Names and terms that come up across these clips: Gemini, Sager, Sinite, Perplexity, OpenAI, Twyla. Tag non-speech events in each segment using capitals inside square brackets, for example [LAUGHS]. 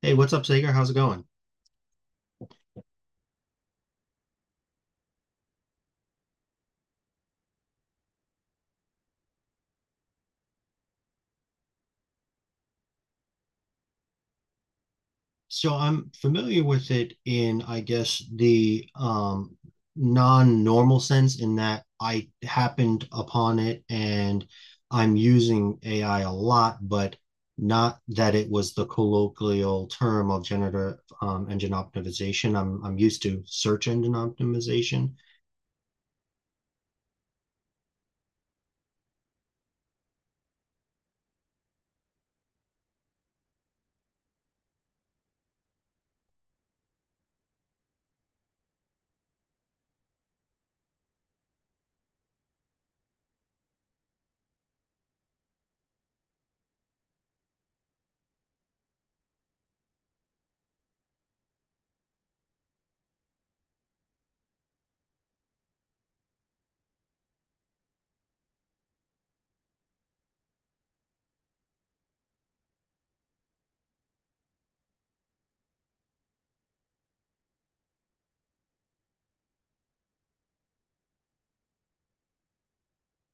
Hey, what's up, Sager? How's it going? So I'm familiar with it in, I guess, the non-normal sense in that I happened upon it and I'm using AI a lot, but not that it was the colloquial term of generative engine optimization. I'm used to search engine optimization.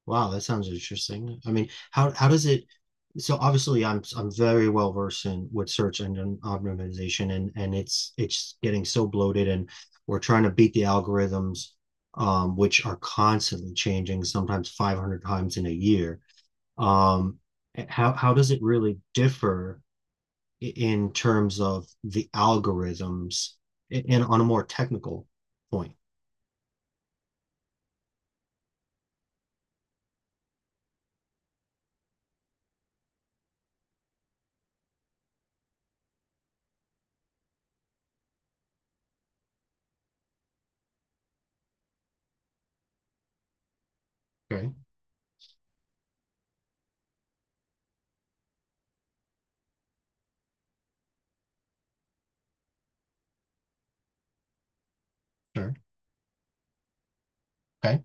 Wow, that sounds interesting. I mean, how does it? So obviously, I'm very well versed in with search engine optimization, and it's getting so bloated, and we're trying to beat the algorithms, which are constantly changing, sometimes 500 times in a year. Um, how does it really differ in terms of the algorithms, and on a more technical point? Okay, sure. Okay,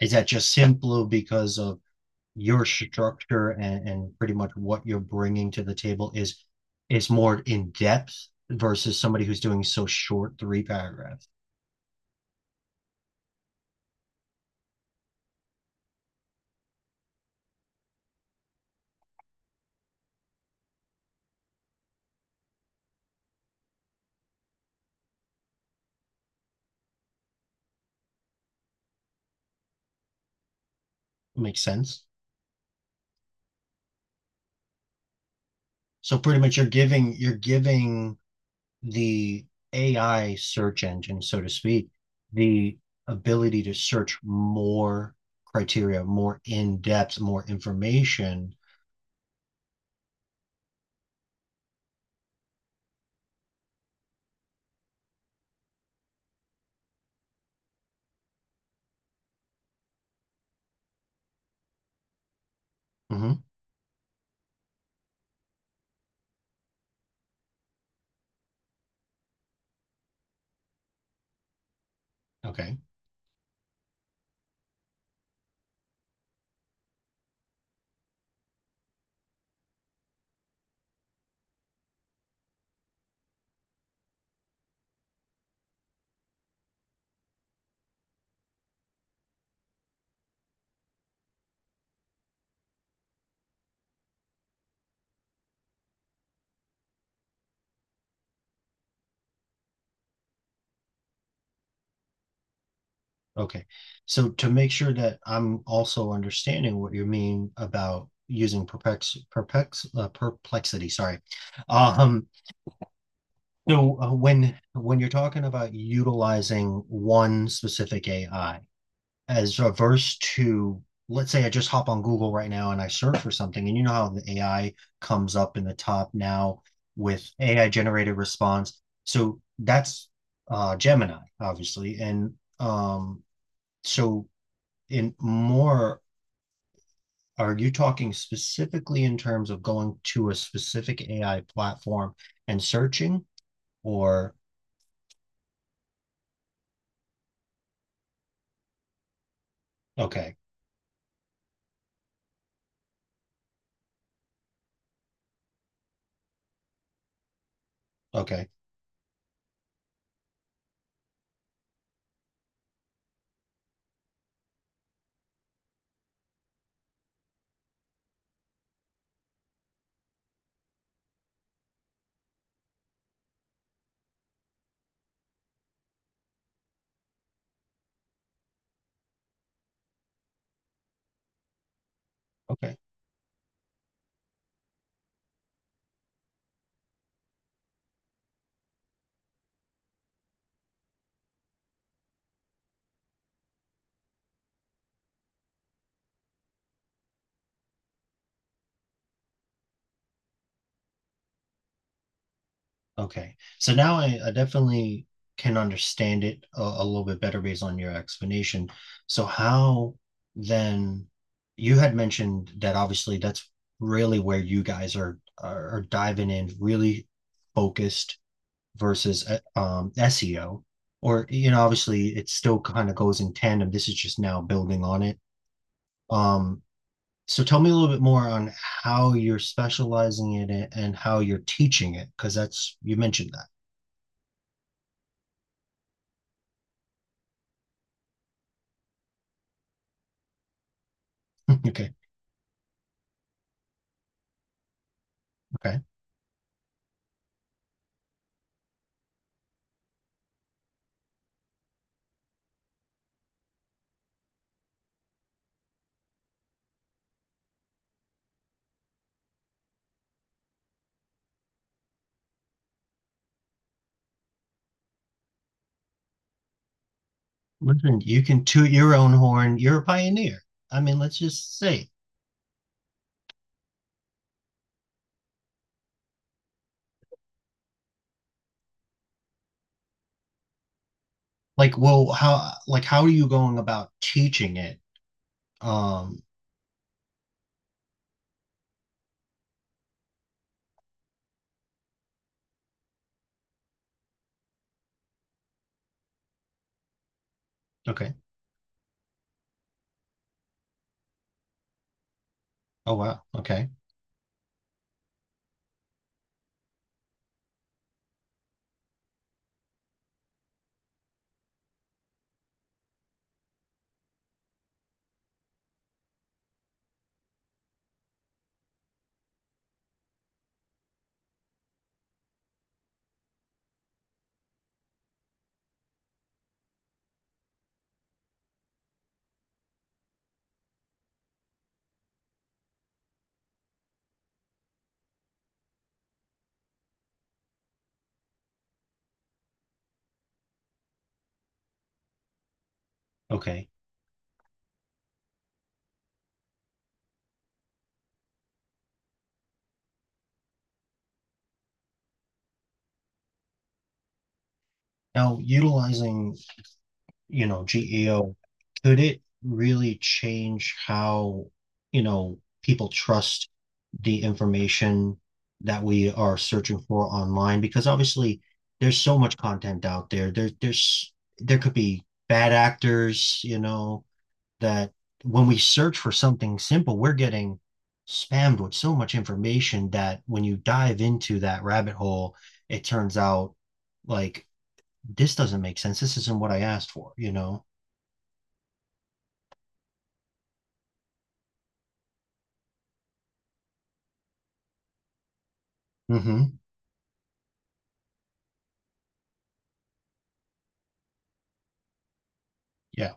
is that just simply because of your structure and pretty much what you're bringing to the table is more in depth versus somebody who's doing so short three paragraphs? Makes sense. So pretty much you're giving the AI search engine, so to speak, the ability to search more criteria, more in depth, more information. Hmm. Okay. Okay. So to make sure that I'm also understanding what you mean about using perplexity, sorry. Um, so when you're talking about utilizing one specific AI as averse to, let's say, I just hop on Google right now and I search for something, and you know how the AI comes up in the top now with AI generated response. So that's Gemini, obviously. And um so in more, are you talking specifically in terms of going to a specific AI platform and searching? Or, okay, okay, okay, okay. So now I definitely can understand it a little bit better based on your explanation. So how then, you had mentioned that obviously that's really where you guys are diving in, really focused versus SEO, or you know, obviously it still kind of goes in tandem. This is just now building on it. Um, so tell me a little bit more on how you're specializing in it and how you're teaching it, because that's you mentioned that. [LAUGHS] Okay, okay. Listen, you can toot your own horn. You're a pioneer. I mean, let's just say, like, well, how, like, how are you going about teaching it? Um, okay. Oh wow. Okay. Okay. Now, utilizing, you know, GEO, could it really change how, you know, people trust the information that we are searching for online? Because obviously there's so much content out there. There there could be bad actors, you know, that when we search for something simple, we're getting spammed with so much information that when you dive into that rabbit hole, it turns out, like, this doesn't make sense. This isn't what I asked for, you know? Hmm. Yeah.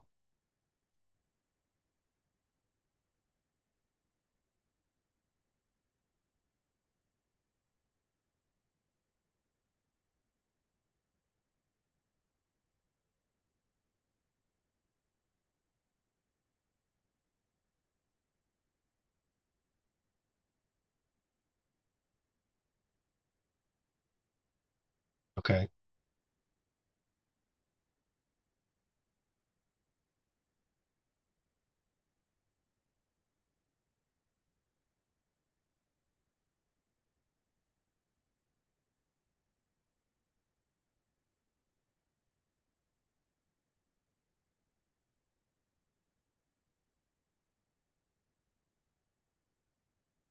Okay.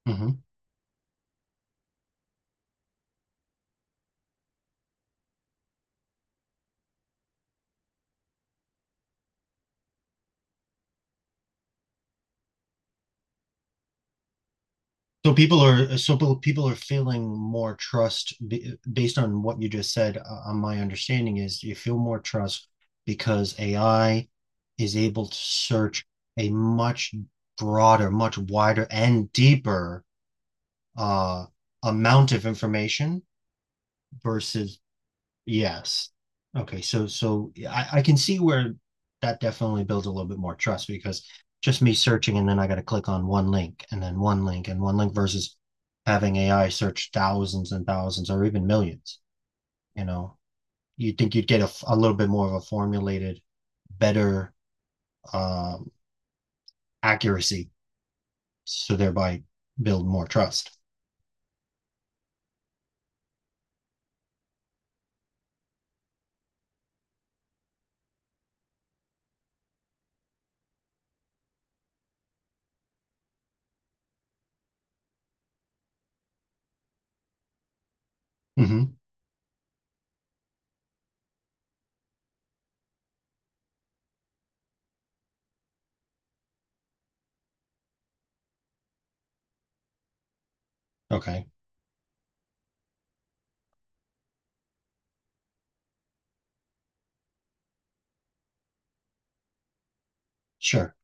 Hmm. So people are so people are feeling more trust based on what you just said. My understanding is you feel more trust because AI is able to search a much broader, much wider, and deeper uh, amount of information versus. Yes. Okay, so so yeah, I can see where that definitely builds a little bit more trust because just me searching and then I got to click on one link and then one link and one link versus having AI search thousands and thousands or even millions, you know. You'd think you'd get a, a little bit more of a formulated, better um, accuracy, so thereby build more trust. Hmm. Okay, sure,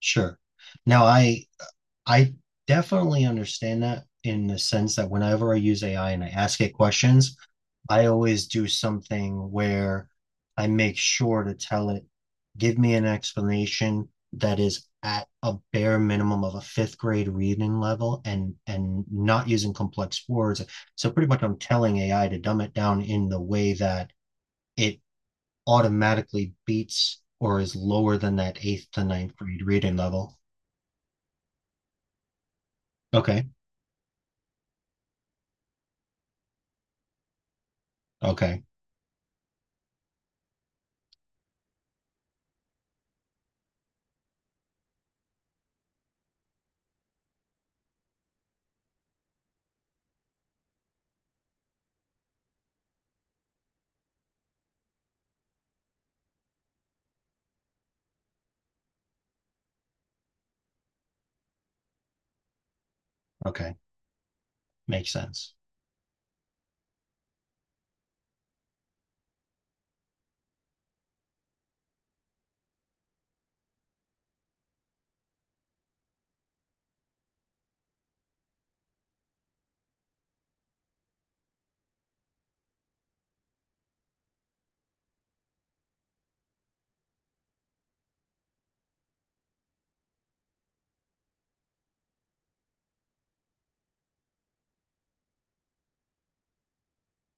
sure. Now I definitely understand that in the sense that whenever I use AI and I ask it questions, I always do something where I make sure to tell it, give me an explanation that is at a bare minimum of a fifth grade reading level and not using complex words. So pretty much I'm telling AI to dumb it down in the way that it automatically beats or is lower than that eighth to ninth grade reading level. Okay, okay, okay. Makes sense.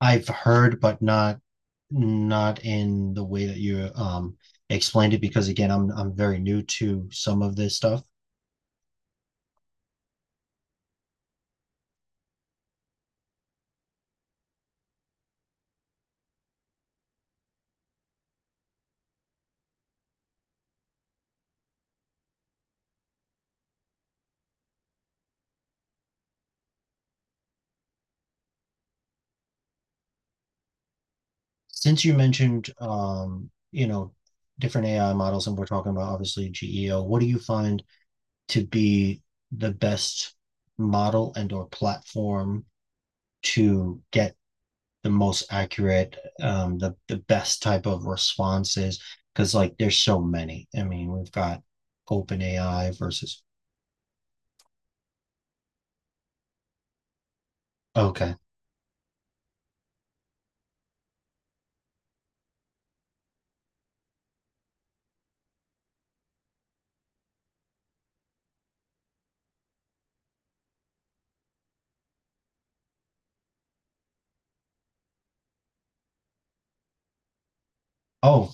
I've heard, but not not in the way that you explained it because again, I'm very new to some of this stuff. Since you mentioned you know, different AI models and we're talking about obviously GEO, what do you find to be the best model and or platform to get the most accurate, the best type of responses? Because like there's so many. I mean, we've got OpenAI versus. Okay. Oh,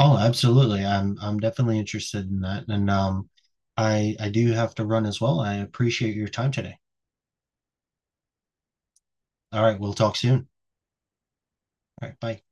oh, absolutely. I'm definitely interested in that. And I do have to run as well. I appreciate your time today. All right, we'll talk soon. All right, bye.